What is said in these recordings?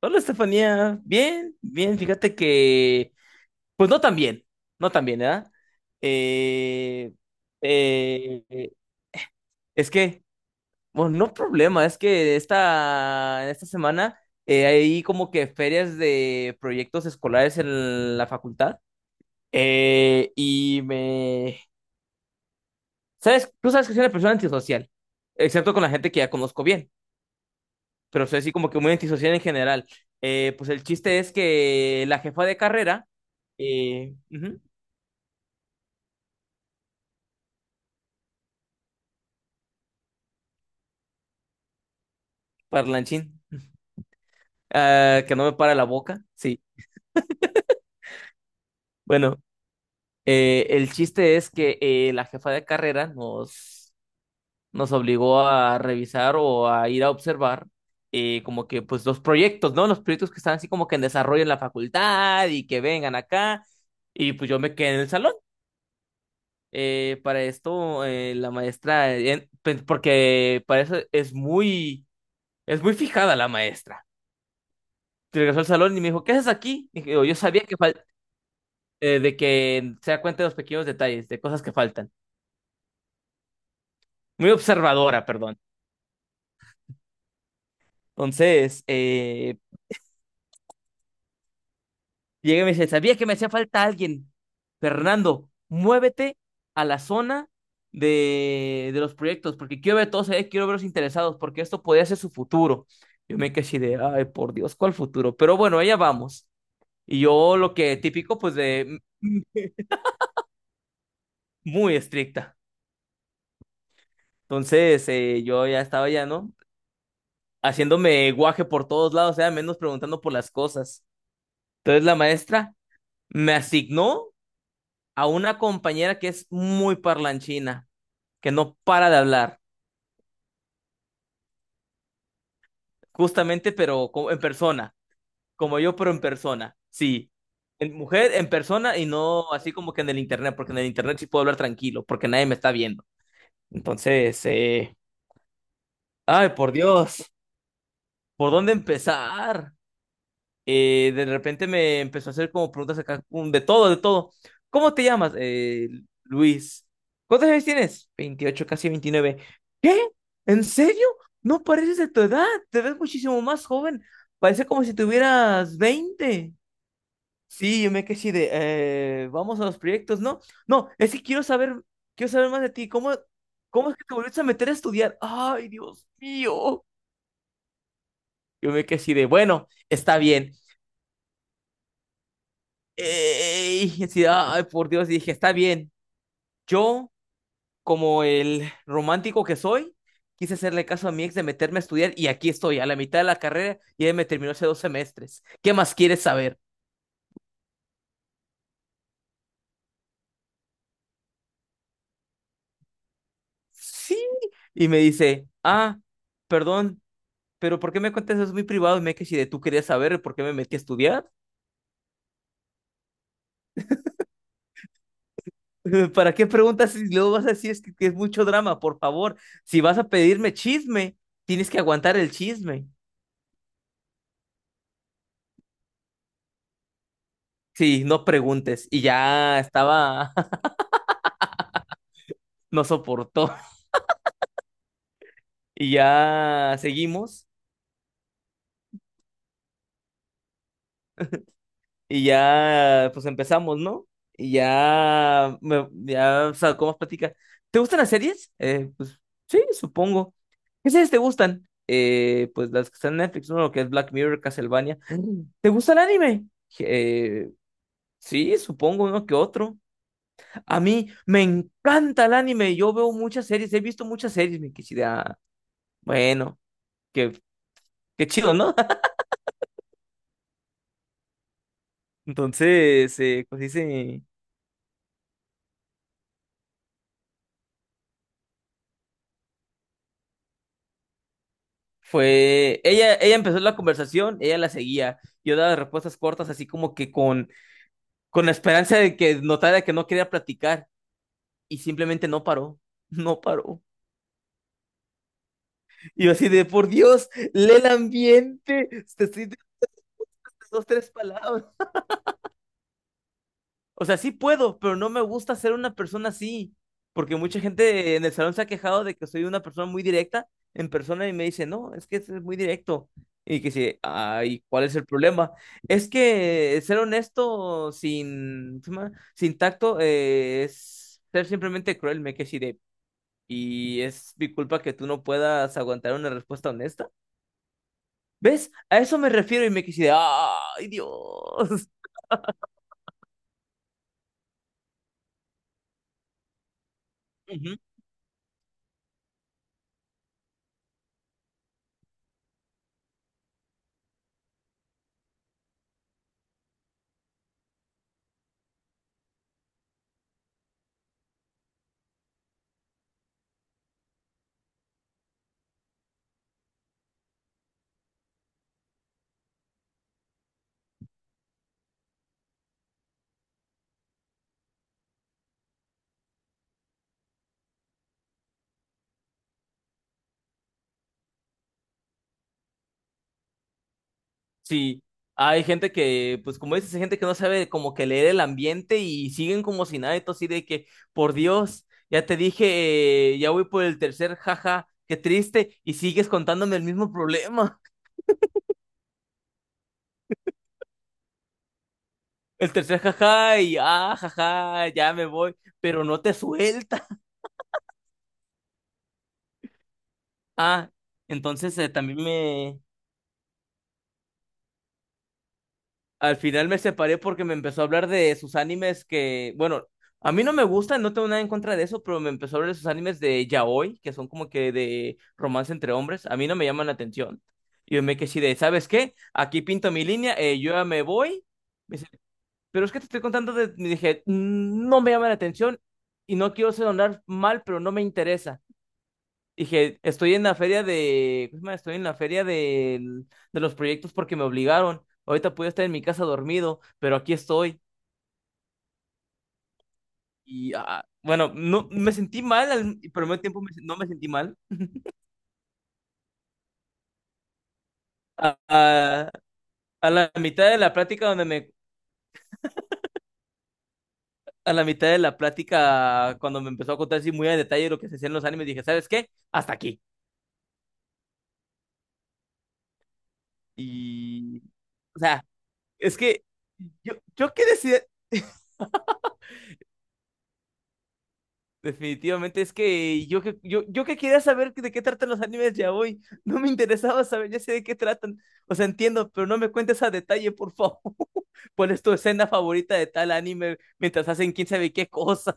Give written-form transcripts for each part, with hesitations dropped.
Hola, Estefanía. Bien, bien. Fíjate que, pues no tan bien, no tan bien, ¿verdad? Eh, eh, eh, es que, bueno, no problema, es que esta, en esta semana hay como que ferias de proyectos escolares en la facultad. Y me... ¿Sabes? Tú sabes que soy una persona antisocial, excepto con la gente que ya conozco bien. Pero soy así como que muy antisocial en general. Pues el chiste es que la jefa de carrera, ujú, parlanchín, ah, que no me para la boca, sí. Bueno, el chiste es que la jefa de carrera nos obligó a revisar o a ir a observar como que pues los proyectos, ¿no? Los proyectos que están así como que en desarrollo en la facultad y que vengan acá. Y pues yo me quedé en el salón. Para esto, la maestra, porque para eso es es muy fijada la maestra. Regresó al salón y me dijo, ¿qué haces aquí? Dije, "Oh, yo sabía que de que se da cuenta de los pequeños detalles, de cosas que faltan. Muy observadora, perdón. Entonces, llega y me dice, ¿sabías que me hacía falta alguien? Fernando, muévete a la zona de los proyectos, porque quiero ver a todos ahí, quiero verlos interesados, porque esto podría ser su futuro. Yo me quedé así de, ay, por Dios, ¿cuál futuro? Pero bueno, allá vamos. Y yo lo que típico, pues de mm, muy estricta. Entonces, yo ya estaba ya, ¿no? Haciéndome guaje por todos lados, o sea, menos preguntando por las cosas. Entonces la maestra me asignó a una compañera que es muy parlanchina que no para de hablar, justamente, pero en persona, como yo, pero en persona, sí. En mujer, en persona y no así como que en el internet, porque en el internet sí puedo hablar tranquilo, porque nadie me está viendo. Entonces, ay, por Dios, ¿por dónde empezar? De repente me empezó a hacer como preguntas acá, de todo, de todo. ¿Cómo te llamas? Luis. ¿Cuántos años tienes? 28, casi 29 ¿Qué? ¿En serio? No pareces de tu edad, te ves muchísimo más joven. Parece como si tuvieras 20. Sí, yo me quedé así de, vamos a los proyectos, ¿no? No, es que quiero saber más de ti. ¿Cómo, cómo es que te volviste a meter a estudiar? Ay, Dios mío. Yo me quedé así de, bueno, está bien. Y así, ay, por Dios, y dije, está bien. Yo, como el romántico que soy, quise hacerle caso a mi ex de meterme a estudiar y aquí estoy, a la mitad de la carrera y él me terminó hace dos semestres. ¿Qué más quieres saber? Sí. Y me dice, ah, perdón, pero ¿por qué me cuentas eso muy privado? Y me dije si de tú querías saber por qué me metí a estudiar. ¿Para qué preguntas si luego vas a decir es que es mucho drama? Por favor, si vas a pedirme chisme, tienes que aguantar el chisme. Sí, no preguntes. Y ya estaba, no soportó. Y ya seguimos. Y ya, pues empezamos, ¿no? Y ya, ya, o sea, ¿cómo platica? ¿Te gustan las series? Pues sí, supongo. ¿Qué series te gustan? Pues las que están en Netflix, ¿no? Lo que es Black Mirror, Castlevania. ¿Te gusta el anime? Eh, sí, supongo, ¿no? Que otro. A mí me encanta el anime. Yo veo muchas series, he visto muchas series, me quisiera. Bueno que qué chido, ¿no? Entonces, pues dice, fue, ella empezó la conversación, ella la seguía, yo daba respuestas cortas, así como que con la esperanza de que notara que no quería platicar, y simplemente no paró, no paró. Y yo así de, por Dios, lee el ambiente, te estoy diciendo dos, tres palabras. O sea, sí puedo, pero no me gusta ser una persona así. Porque mucha gente en el salón se ha quejado de que soy una persona muy directa en persona y me dice, no, es que es muy directo. Y que sí, ay, ¿cuál es el problema? Es que ser honesto sin, ¿cómo se llama? Sin tacto, es ser simplemente cruel, me quedé así de, y es mi culpa que tú no puedas aguantar una respuesta honesta. ¿Ves? A eso me refiero y me quedé así de, ay, Dios. Sí, hay gente que, pues como dices, hay gente que no sabe como que leer el ambiente y siguen como si nada, y todo así de que, por Dios, ya te dije, ya voy por el tercer jaja, qué triste, y sigues contándome el mismo problema. El tercer jaja y ah, jaja, ya me voy, pero no te suelta. Ah, entonces también me, al final me separé porque me empezó a hablar de sus animes que, bueno, a mí no me gustan, no tengo nada en contra de eso, pero me empezó a hablar de sus animes de yaoi, que son como que de romance entre hombres. A mí no me llaman la atención. Y yo me quedé así de, ¿sabes qué? Aquí pinto mi línea, yo ya me voy. Me dice, pero es que te estoy contando de... Me dije, "Mm, no me llama la atención y no quiero sonar mal, pero no me interesa. Dije, estoy en la feria de, ¿cómo se llama? Estoy en la feria de, los proyectos porque me obligaron. Ahorita puedo estar en mi casa dormido, pero aquí estoy. Y ah, bueno, no me sentí mal, pero al mismo tiempo no me sentí mal. A, a- a la mitad de la plática donde me, a la mitad de la plática cuando me empezó a contar así muy a detalle lo que se hacía en los animes, dije, ¿sabes qué? Hasta aquí. Y, o sea, es que yo qué decía. Definitivamente, es que yo que quería saber de qué tratan los animes ya hoy, no me interesaba saber, ya sé de qué tratan, o sea, entiendo, pero no me cuentes a detalle, por favor. ¿Cuál es tu escena favorita de tal anime mientras hacen quién sabe qué cosa?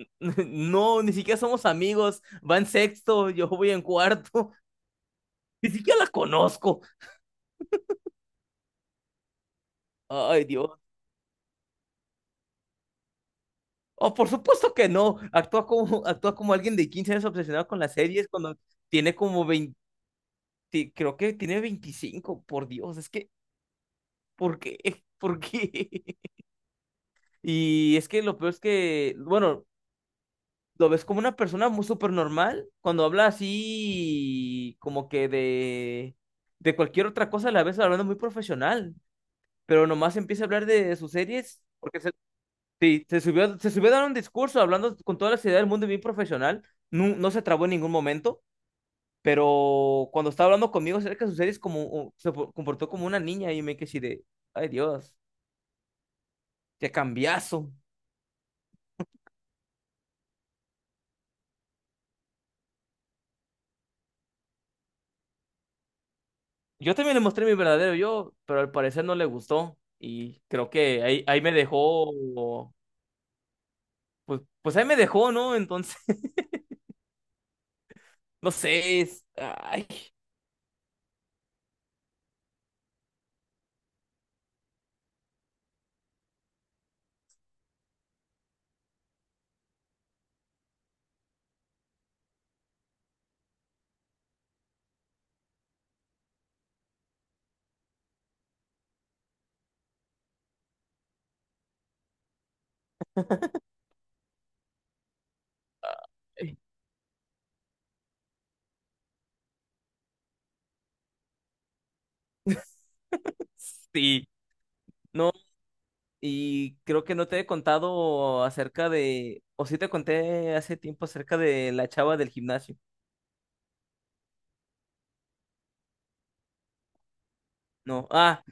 No, ni siquiera somos amigos, va en sexto, yo voy en cuarto, ni siquiera la conozco. Ay, Dios. Oh, por supuesto que no, actúa como, actúa como alguien de 15 años obsesionado con las series cuando tiene como 20, creo que tiene 25, por Dios, es que ¿por qué? ¿Por qué? Y es que lo peor es que, bueno, lo ves como una persona muy súper normal, cuando habla así, como que de cualquier otra cosa, la ves hablando muy profesional, pero nomás empieza a hablar de sus series, porque sí, se subió a dar un discurso hablando con toda la seriedad del mundo y bien profesional, no se trabó en ningún momento. Pero cuando estaba hablando conmigo acerca de sus series, como, se comportó como una niña y me quedé así de, ay, Dios, qué cambiazo. Yo también le mostré mi verdadero yo, pero al parecer no le gustó y creo que ahí me dejó, pues, pues ahí me dejó, ¿no? Entonces, no sé, es- ay, sí, no, y creo que no te he contado acerca de, o sí te conté hace tiempo acerca de la chava del gimnasio, ¿no? Ah.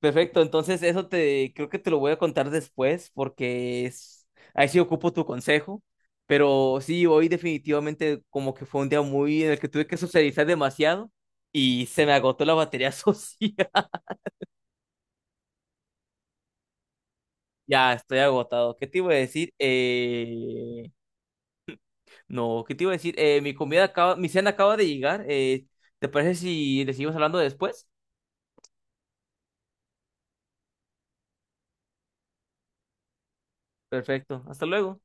Perfecto, entonces eso te creo que te lo voy a contar después porque es, ahí sí ocupo tu consejo, pero sí, hoy definitivamente como que fue un día muy en el que tuve que socializar demasiado y se me agotó la batería social. Ya estoy agotado. ¿Qué te iba a decir? No, ¿qué te iba a decir? Mi comida acaba, mi cena acaba de llegar. ¿Te parece si le seguimos hablando después? Perfecto, hasta luego.